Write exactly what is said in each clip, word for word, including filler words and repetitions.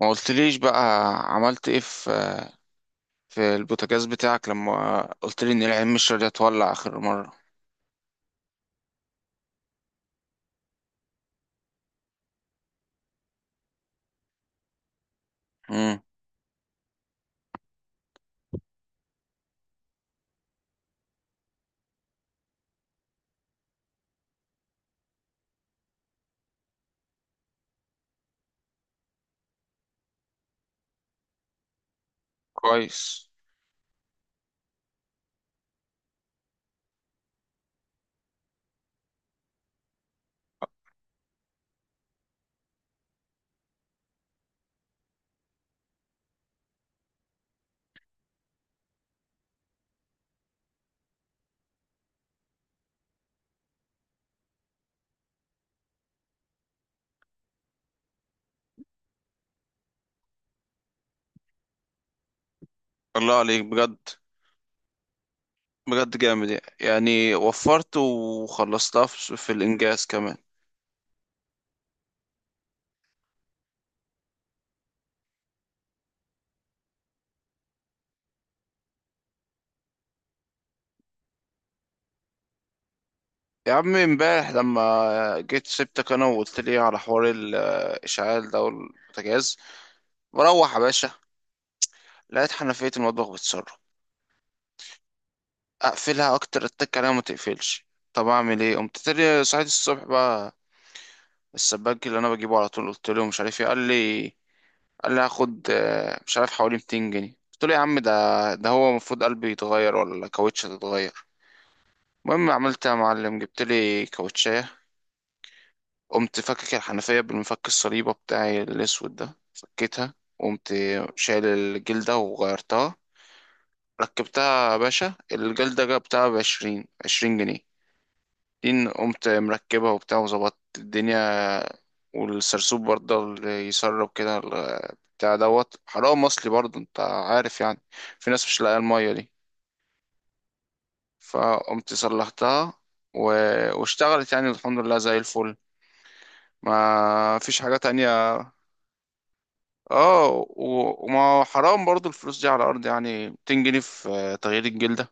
ما قلتليش بقى عملت ايه في في البوتاجاز بتاعك لما قلتلي ان العين مش راضية تولع اخر مرة. امم. كويس. الله عليك بجد. بجد جامد يعني، وفرت وخلصتها في في الانجاز كمان. يا عم، امبارح لما جيت سبتك انا وقلتلي على حوار ال- الاشعال ده والبوتاجاز، بروح يا باشا لقيت حنفية المطبخ بتسرب. اقفلها اكتر اتك عليها ما تقفلش. طب اعمل ايه؟ قمت تاني صحيت الصبح بقى السباك اللي انا بجيبه على طول، قلت له مش عارف ايه. قال لي قال لي هاخد آه، مش عارف حوالي ميتين جنيه. قلت له يا عم، ده ده هو المفروض قلبي يتغير ولا كاوتش تتغير؟ المهم عملت يا معلم، جبت لي كاوتشايه. قمت فكك الحنفيه بالمفك الصليبه بتاعي الاسود ده، فكيتها وقمت شايل الجلده وغيرتها. ركبتها يا باشا، الجلده جبتها بعشرين، عشرين جنيه. دين قمت مركبها وبتاع وظبطت الدنيا. والسرسوب برضه اللي يسرب كده بتاع دوت، حرام اصلي برضه انت عارف يعني، في ناس مش لاقيه الميه دي. فقمت صلحتها و... واشتغلت يعني الحمد لله زي الفل. ما فيش حاجة تانية. اه، و... وما حرام برضه الفلوس دي على الارض، يعني ميتين جنيه في تغيير الجلدة.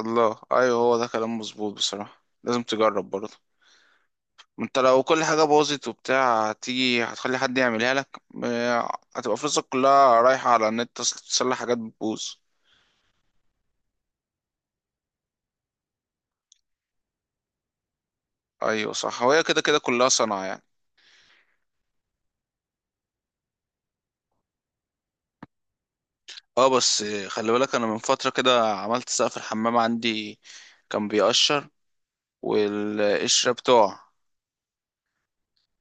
الله، ايوه، هو ده كلام مظبوط. بصراحة لازم تجرب برضه، ما انت لو كل حاجة باظت وبتاع هتيجي هتخلي حد يعملها لك، م- هتبقى فلوسك كلها رايحة على النت تصلح حاجات بتبوظ. ايوه صح، هو هي كده كده كلها صنعة يعني. اه بس خلي بالك، انا من فترة كده عملت سقف الحمام عندي، كان بيقشر والقشرة بتوع.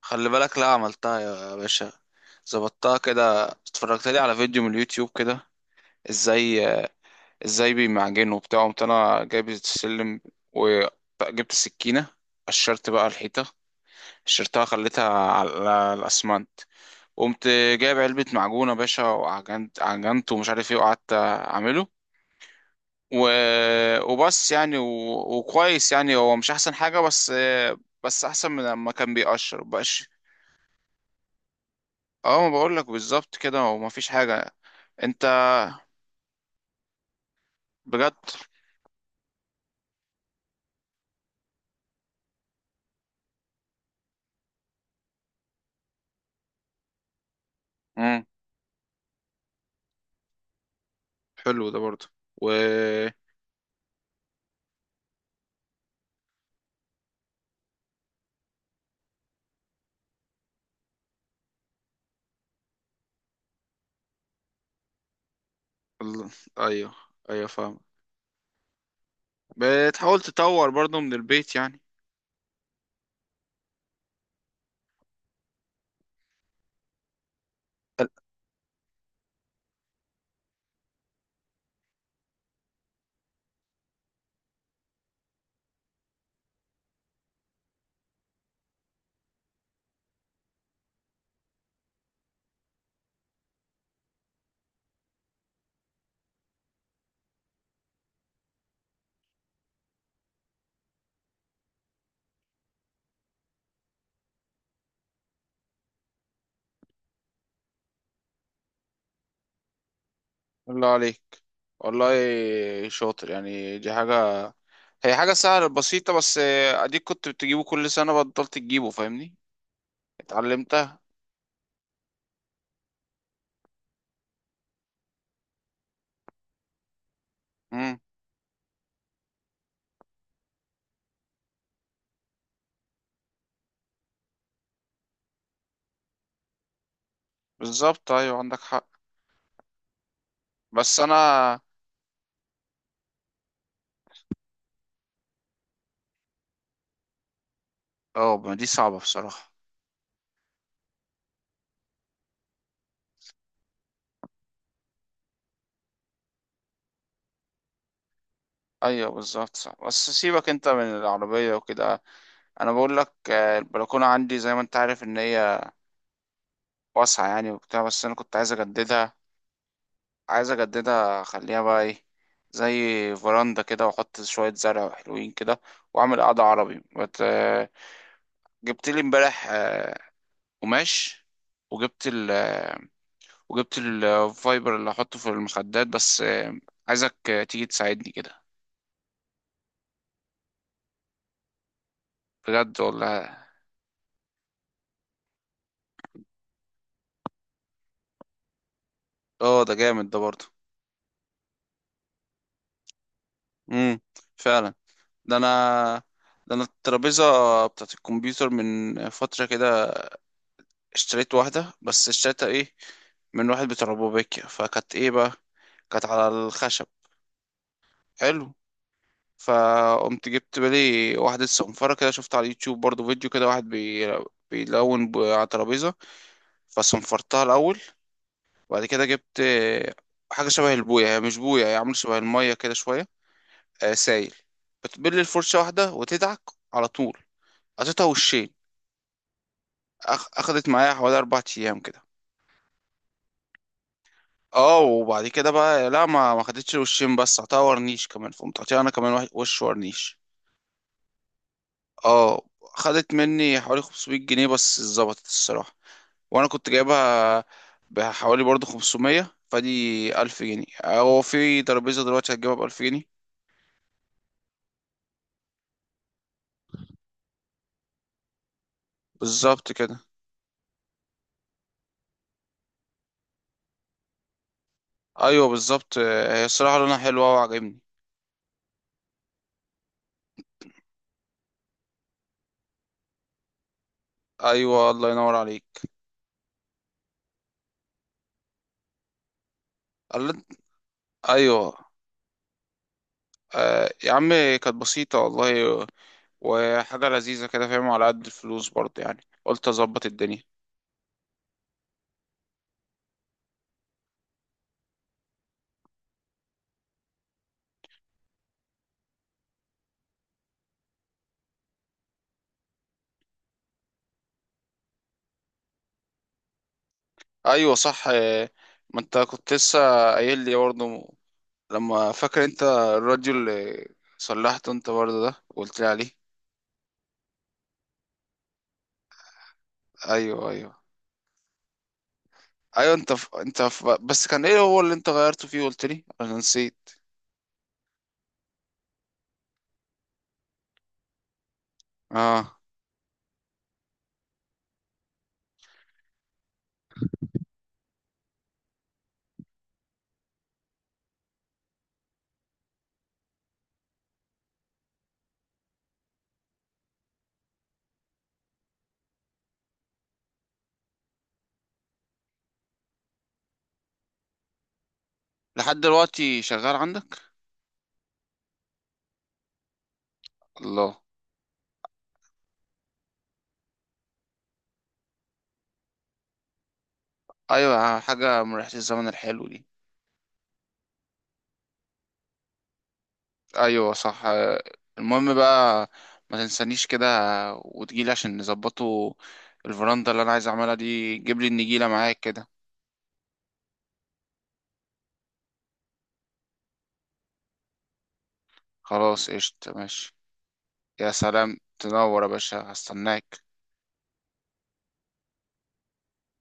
خلي بالك لا، عملتها يا باشا، ظبطتها كده، اتفرجت لي على فيديو من اليوتيوب كده ازاي. ازاي بيمعجنوا وبتاع، قمت انا جايب السلم وجبت السكينة، قشرت بقى الحيطة، قشرتها خليتها على الأسمنت. قمت جايب علبة معجون يا باشا، وعجنت عجنت ومش عارف ايه، وقعدت أعمله و... وبس يعني و... وكويس يعني، هو مش احسن حاجة بس، بس احسن من لما كان بيقشر بقاش. اه، ما بقول لك بالظبط كده، هو ما فيش حاجة. انت. بجد. امم. حلو ده برضه. و ال- ايوه، ايوه فاهم. بتحاول تطور برضه من البيت يعني. حلو. الله عليك والله، شاطر يعني، دي حاجة. هي حاجة سهلة بسيطة بس، آه، اديك كنت بتجيبه كل سنة بطلت تجيبه، فاهمني. اتعلمتها. بالظبط، ايوه عندك حق. بس انا. اه، ما دي صعبة بصراحة. ايوه بالظبط صعب، بس سيبك انت من العربية وكده. انا بقول لك، آه، البلكونة عندي زي ما انت عارف ان هي واسعة يعني وبتاع، بس انا كنت عايز اجددها. عايز اجددها اخليها بقى ايه؟ زي فراندا كده، واحط شوية زرع حلوين كده، واعمل قعدة عربي بت... آه، جبت لي امبارح آه، قماش، وجبت ال آه، وجبت الفايبر اللي احطه في المخدات، بس آه، عايزك آه، تيجي تساعدني كده. بجد والله. اه، ده جامد ده برضه. امم. فعلا. ده انا ده انا الترابيزه بتاعت الكمبيوتر من فتره كده، اشتريت واحده، بس اشتريتها ايه؟ من واحد بتاع روبوبيكيا، فكانت ايه بقى؟ كانت على الخشب. حلو. فقمت جبت بالي واحده صنفره كده، شفت على اليوتيوب برضه فيديو كده واحد بي... بيلون ب- على ترابيزه. فصنفرتها الاول، وبعد كده جبت حاجه شبه البويه، هي مش بويه، هي عامله شبه الميه كده شويه، آه سايل. بتبل الفرشة واحدة وتدعك على طول قطعتها وشين. أخ... أخدت معايا حوالي أربع أيام كده. اه، وبعد كده بقى لا، ما ما خدتش وشين بس، قطعتها ورنيش كمان، فقمت قاطعها أنا كمان وح- وش ورنيش. اه، خدت مني حوالي خمسمائة جنيه بس اتظبطت الصراحة. وأنا كنت جايبها بحوالي برضه خمسمائة. فدي ألف جنيه، هو في ترابيزة دلوقتي هتجيبها بألف جنيه؟ بالظبط كده. أيوه بالظبط، آه، هي الصراحة لونها حلوة وعجبني. أيوه، الله ينور عليك. ايوه. آه يا عم، كانت بسيطه والله، وحاجه لذيذه كده فاهم، على قد الفلوس برضه يعني قلت اظبط الدنيا. ايوه صح آه، ما انت كنت لسه قايل لي برضه لما، فاكر انت الراديو اللي صلحته انت برضه ده وقلت لي عليه؟ ايوه ايوه. ايوه انت ف... انت ف... بس كان ايه هو اللي انت غيرته فيه؟ قلت لي انا نسيت. اه، لحد دلوقتي شغال عندك؟ الله. ايوه، حاجه من ريحه الزمن الحلو دي. ايوه صح، آه، المهم بقى ما تنسانيش كده وتجيلي عشان نظبطه. الفرندا اللي انا عايز اعملها دي، جيب لي النجيله معاك كده. خلاص قشطة ماشي. يا سلام، تنور يا باشا، هستناك.